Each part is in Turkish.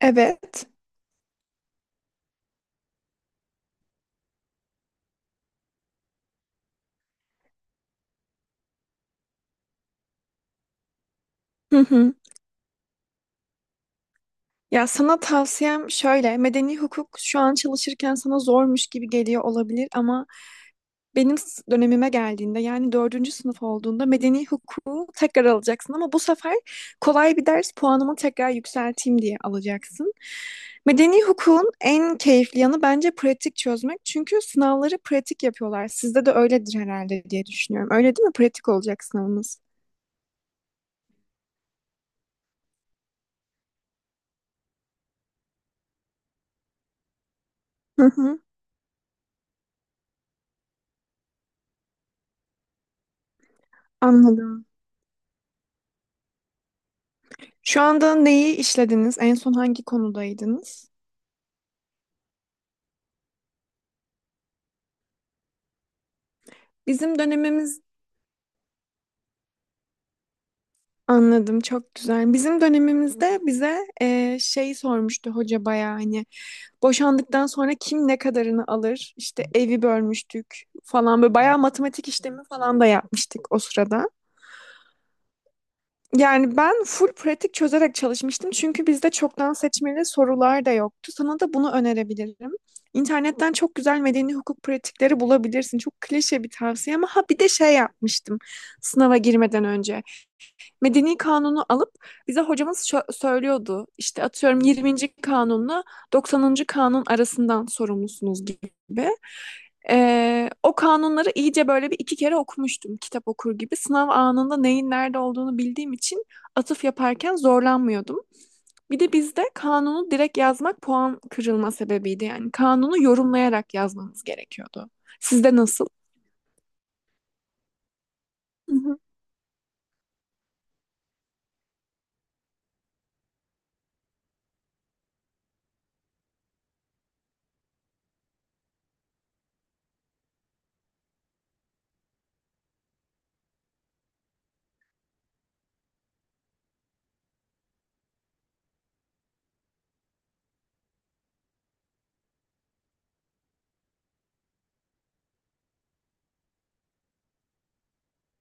Evet. Hı hı. Ya sana tavsiyem şöyle, medeni hukuk şu an çalışırken sana zormuş gibi geliyor olabilir ama dönemime geldiğinde yani dördüncü sınıf olduğunda medeni hukuku tekrar alacaksın ama bu sefer kolay bir ders puanımı tekrar yükselteyim diye alacaksın. Medeni hukukun en keyifli yanı bence pratik çözmek çünkü sınavları pratik yapıyorlar. Sizde de öyledir herhalde diye düşünüyorum. Öyle değil mi? Pratik olacak sınavınız. Hı hı. Anladım. Şu anda neyi işlediniz? En son hangi konudaydınız? Bizim dönemimiz. Anladım, çok güzel. Bizim dönemimizde bize şey sormuştu hoca bayağı, hani boşandıktan sonra kim ne kadarını alır? İşte evi bölmüştük falan, böyle bayağı matematik işlemi falan da yapmıştık o sırada. Yani ben full pratik çözerek çalışmıştım çünkü bizde çoktan seçmeli sorular da yoktu. Sana da bunu önerebilirim. İnternetten çok güzel medeni hukuk pratikleri bulabilirsin. Çok klişe bir tavsiye ama ha, bir de şey yapmıştım sınava girmeden önce, medeni kanunu alıp, bize hocamız söylüyordu. İşte atıyorum 20. kanunla 90. kanun arasından sorumlusunuz gibi. O kanunları iyice böyle bir iki kere okumuştum, kitap okur gibi. Sınav anında neyin nerede olduğunu bildiğim için atıf yaparken zorlanmıyordum. Bir de bizde kanunu direkt yazmak puan kırılma sebebiydi. Yani kanunu yorumlayarak yazmamız gerekiyordu. Sizde nasıl? Hı hı.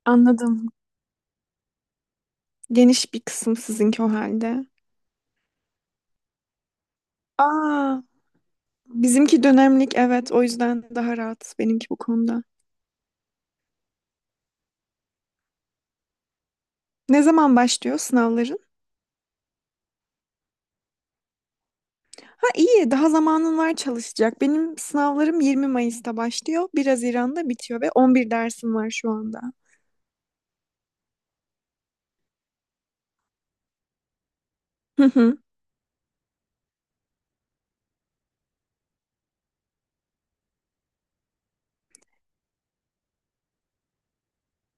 Anladım. Geniş bir kısım sizinki o halde. Aa, bizimki dönemlik, evet, o yüzden daha rahat benimki bu konuda. Ne zaman başlıyor sınavların? Ha, iyi, daha zamanın var çalışacak. Benim sınavlarım 20 Mayıs'ta başlıyor. 1 Haziran'da bitiyor ve 11 dersim var şu anda. Hı hı.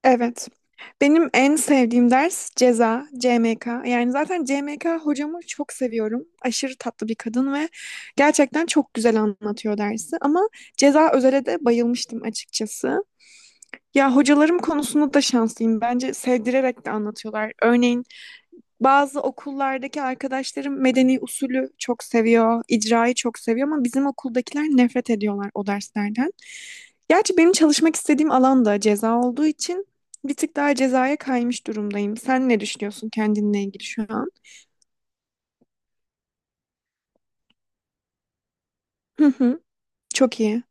Evet. Benim en sevdiğim ders ceza, CMK. Yani zaten CMK hocamı çok seviyorum. Aşırı tatlı bir kadın ve gerçekten çok güzel anlatıyor dersi. Ama ceza özele de bayılmıştım açıkçası. Ya, hocalarım konusunda da şanslıyım. Bence sevdirerek de anlatıyorlar. Örneğin bazı okullardaki arkadaşlarım medeni usulü çok seviyor, icrayı çok seviyor ama bizim okuldakiler nefret ediyorlar o derslerden. Gerçi benim çalışmak istediğim alan da ceza olduğu için bir tık daha cezaya kaymış durumdayım. Sen ne düşünüyorsun kendinle ilgili şu an? Hı hı. Çok iyi.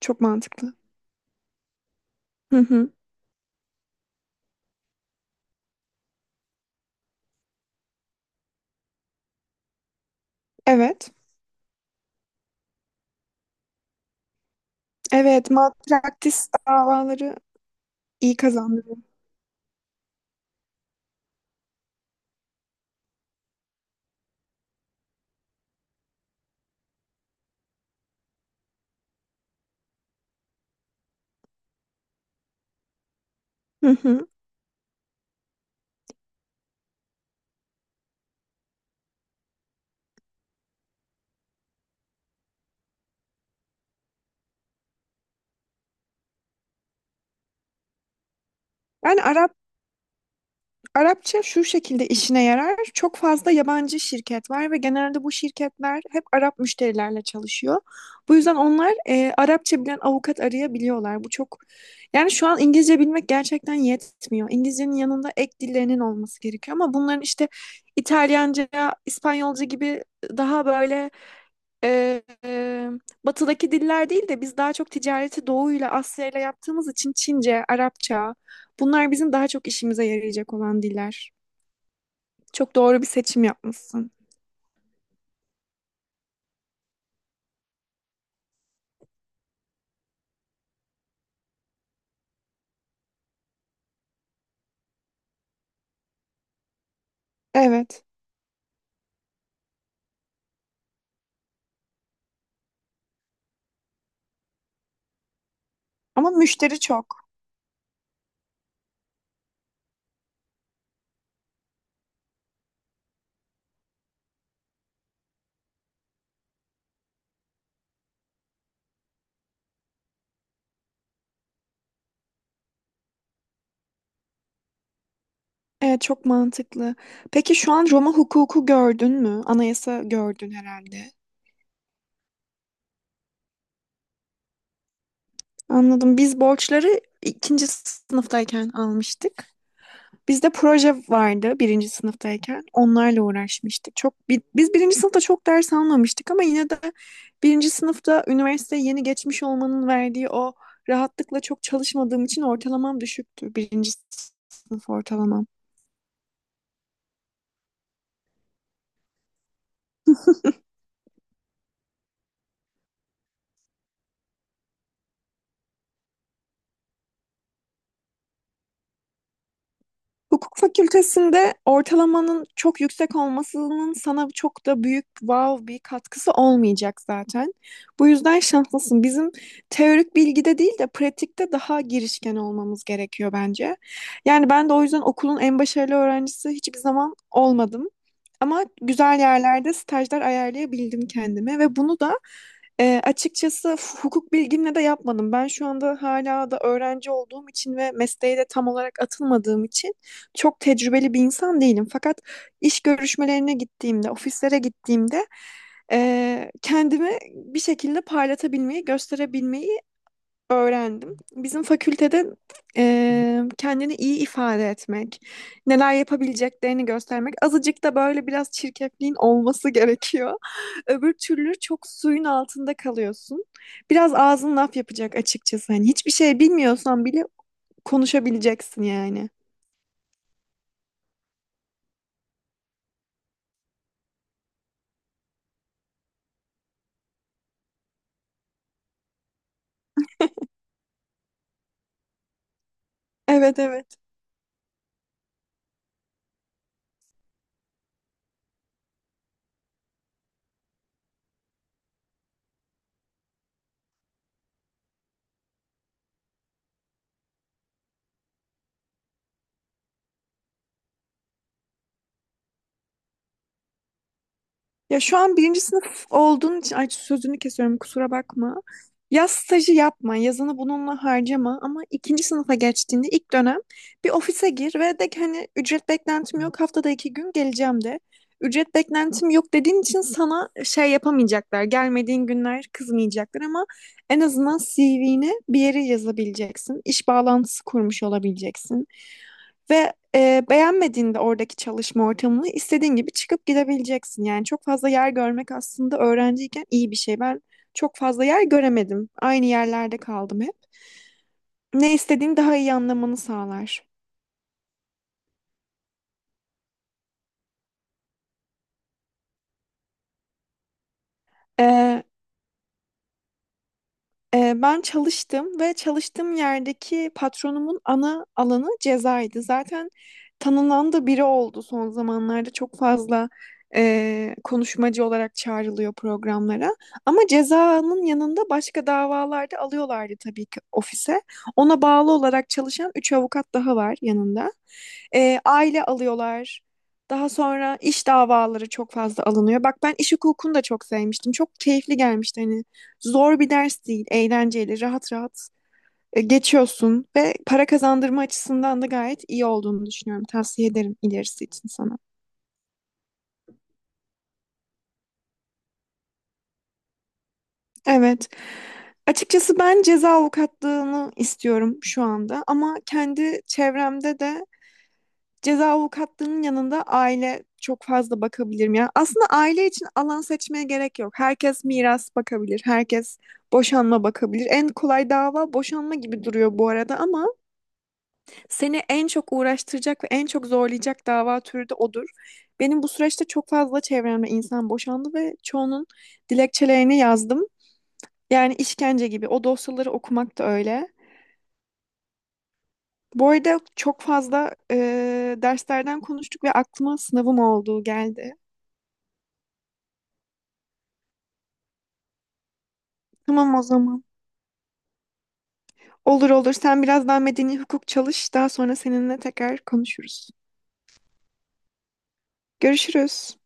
Çok mantıklı. Hı hı. Evet. Evet, malpraktis davaları iyi kazandırıyor. Hı hı. Ben Arap Arapça şu şekilde işine yarar. Çok fazla yabancı şirket var ve genelde bu şirketler hep Arap müşterilerle çalışıyor. Bu yüzden onlar Arapça bilen avukat arayabiliyorlar. Bu çok, yani şu an İngilizce bilmek gerçekten yetmiyor. İngilizcenin yanında ek dillerinin olması gerekiyor ama bunların işte İtalyanca, İspanyolca gibi daha böyle, e, e, batıdaki diller değil de biz daha çok ticareti Doğu'yla Asya'yla yaptığımız için Çince, Arapça, bunlar bizim daha çok işimize yarayacak olan diller. Çok doğru bir seçim yapmışsın. Evet. Ama müşteri çok. Evet, çok mantıklı. Peki şu an Roma hukuku gördün mü? Anayasa gördün herhalde. Anladım. Biz borçları ikinci sınıftayken almıştık. Bizde proje vardı birinci sınıftayken. Onlarla uğraşmıştık. Biz birinci sınıfta çok ders almamıştık ama yine de birinci sınıfta üniversiteye yeni geçmiş olmanın verdiği o rahatlıkla çok çalışmadığım için ortalamam düşüktü. Birinci sınıf ortalamam. Hukuk fakültesinde ortalamanın çok yüksek olmasının sana çok da büyük wow bir katkısı olmayacak zaten. Bu yüzden şanslısın. Bizim teorik bilgide değil de pratikte daha girişken olmamız gerekiyor bence. Yani ben de o yüzden okulun en başarılı öğrencisi hiçbir zaman olmadım. Ama güzel yerlerde stajlar ayarlayabildim kendime ve bunu da açıkçası hukuk bilgimle de yapmadım. Ben şu anda hala da öğrenci olduğum için ve mesleğe de tam olarak atılmadığım için çok tecrübeli bir insan değilim. Fakat iş görüşmelerine gittiğimde, ofislere gittiğimde, kendimi bir şekilde parlatabilmeyi, gösterebilmeyi öğrendim. Bizim fakültede kendini iyi ifade etmek, neler yapabileceklerini göstermek, azıcık da böyle biraz çirkefliğin olması gerekiyor. Öbür türlü çok suyun altında kalıyorsun. Biraz ağzın laf yapacak açıkçası. Hani hiçbir şey bilmiyorsan bile konuşabileceksin yani. Evet, evet. Ya, şu an birinci sınıf olduğun için, ay, sözünü kesiyorum, kusura bakma. Yaz stajı yapma, yazını bununla harcama ama ikinci sınıfa geçtiğinde ilk dönem bir ofise gir ve de ki hani ücret beklentim yok, haftada iki gün geleceğim de. Ücret beklentim yok dediğin için sana şey yapamayacaklar. Gelmediğin günler kızmayacaklar ama en azından CV'ne bir yere yazabileceksin. İş bağlantısı kurmuş olabileceksin. Ve beğenmediğinde oradaki çalışma ortamını istediğin gibi çıkıp gidebileceksin. Yani çok fazla yer görmek aslında öğrenciyken iyi bir şey. Ben çok fazla yer göremedim. Aynı yerlerde kaldım hep. Ne istediğini daha iyi anlamanı sağlar. E, Ben çalıştım ve çalıştığım yerdeki patronumun ana alanı cezaydı. Zaten tanınan da biri oldu son zamanlarda. Çok fazla konuşmacı olarak çağrılıyor programlara. Ama cezanın yanında başka davalarda alıyorlardı tabii ki ofise. Ona bağlı olarak çalışan 3 avukat daha var yanında. Aile alıyorlar. Daha sonra iş davaları çok fazla alınıyor. Bak, ben iş hukukunu da çok sevmiştim. Çok keyifli gelmişti hani. Zor bir ders değil, eğlenceli, rahat rahat geçiyorsun ve para kazandırma açısından da gayet iyi olduğunu düşünüyorum. Tavsiye ederim ilerisi için sana. Evet. Açıkçası ben ceza avukatlığını istiyorum şu anda ama kendi çevremde de ceza avukatlığının yanında aile çok fazla bakabilirim. Yani aslında aile için alan seçmeye gerek yok. Herkes miras bakabilir, herkes boşanma bakabilir. En kolay dava boşanma gibi duruyor bu arada ama seni en çok uğraştıracak ve en çok zorlayacak dava türü de odur. Benim bu süreçte çok fazla çevremde insan boşandı ve çoğunun dilekçelerini yazdım. Yani işkence gibi. O dosyaları okumak da öyle. Bu arada çok fazla derslerden konuştuk ve aklıma sınavım olduğu geldi. Tamam o zaman. Olur, olur. Sen biraz daha medeni hukuk çalış. Daha sonra seninle tekrar konuşuruz. Görüşürüz.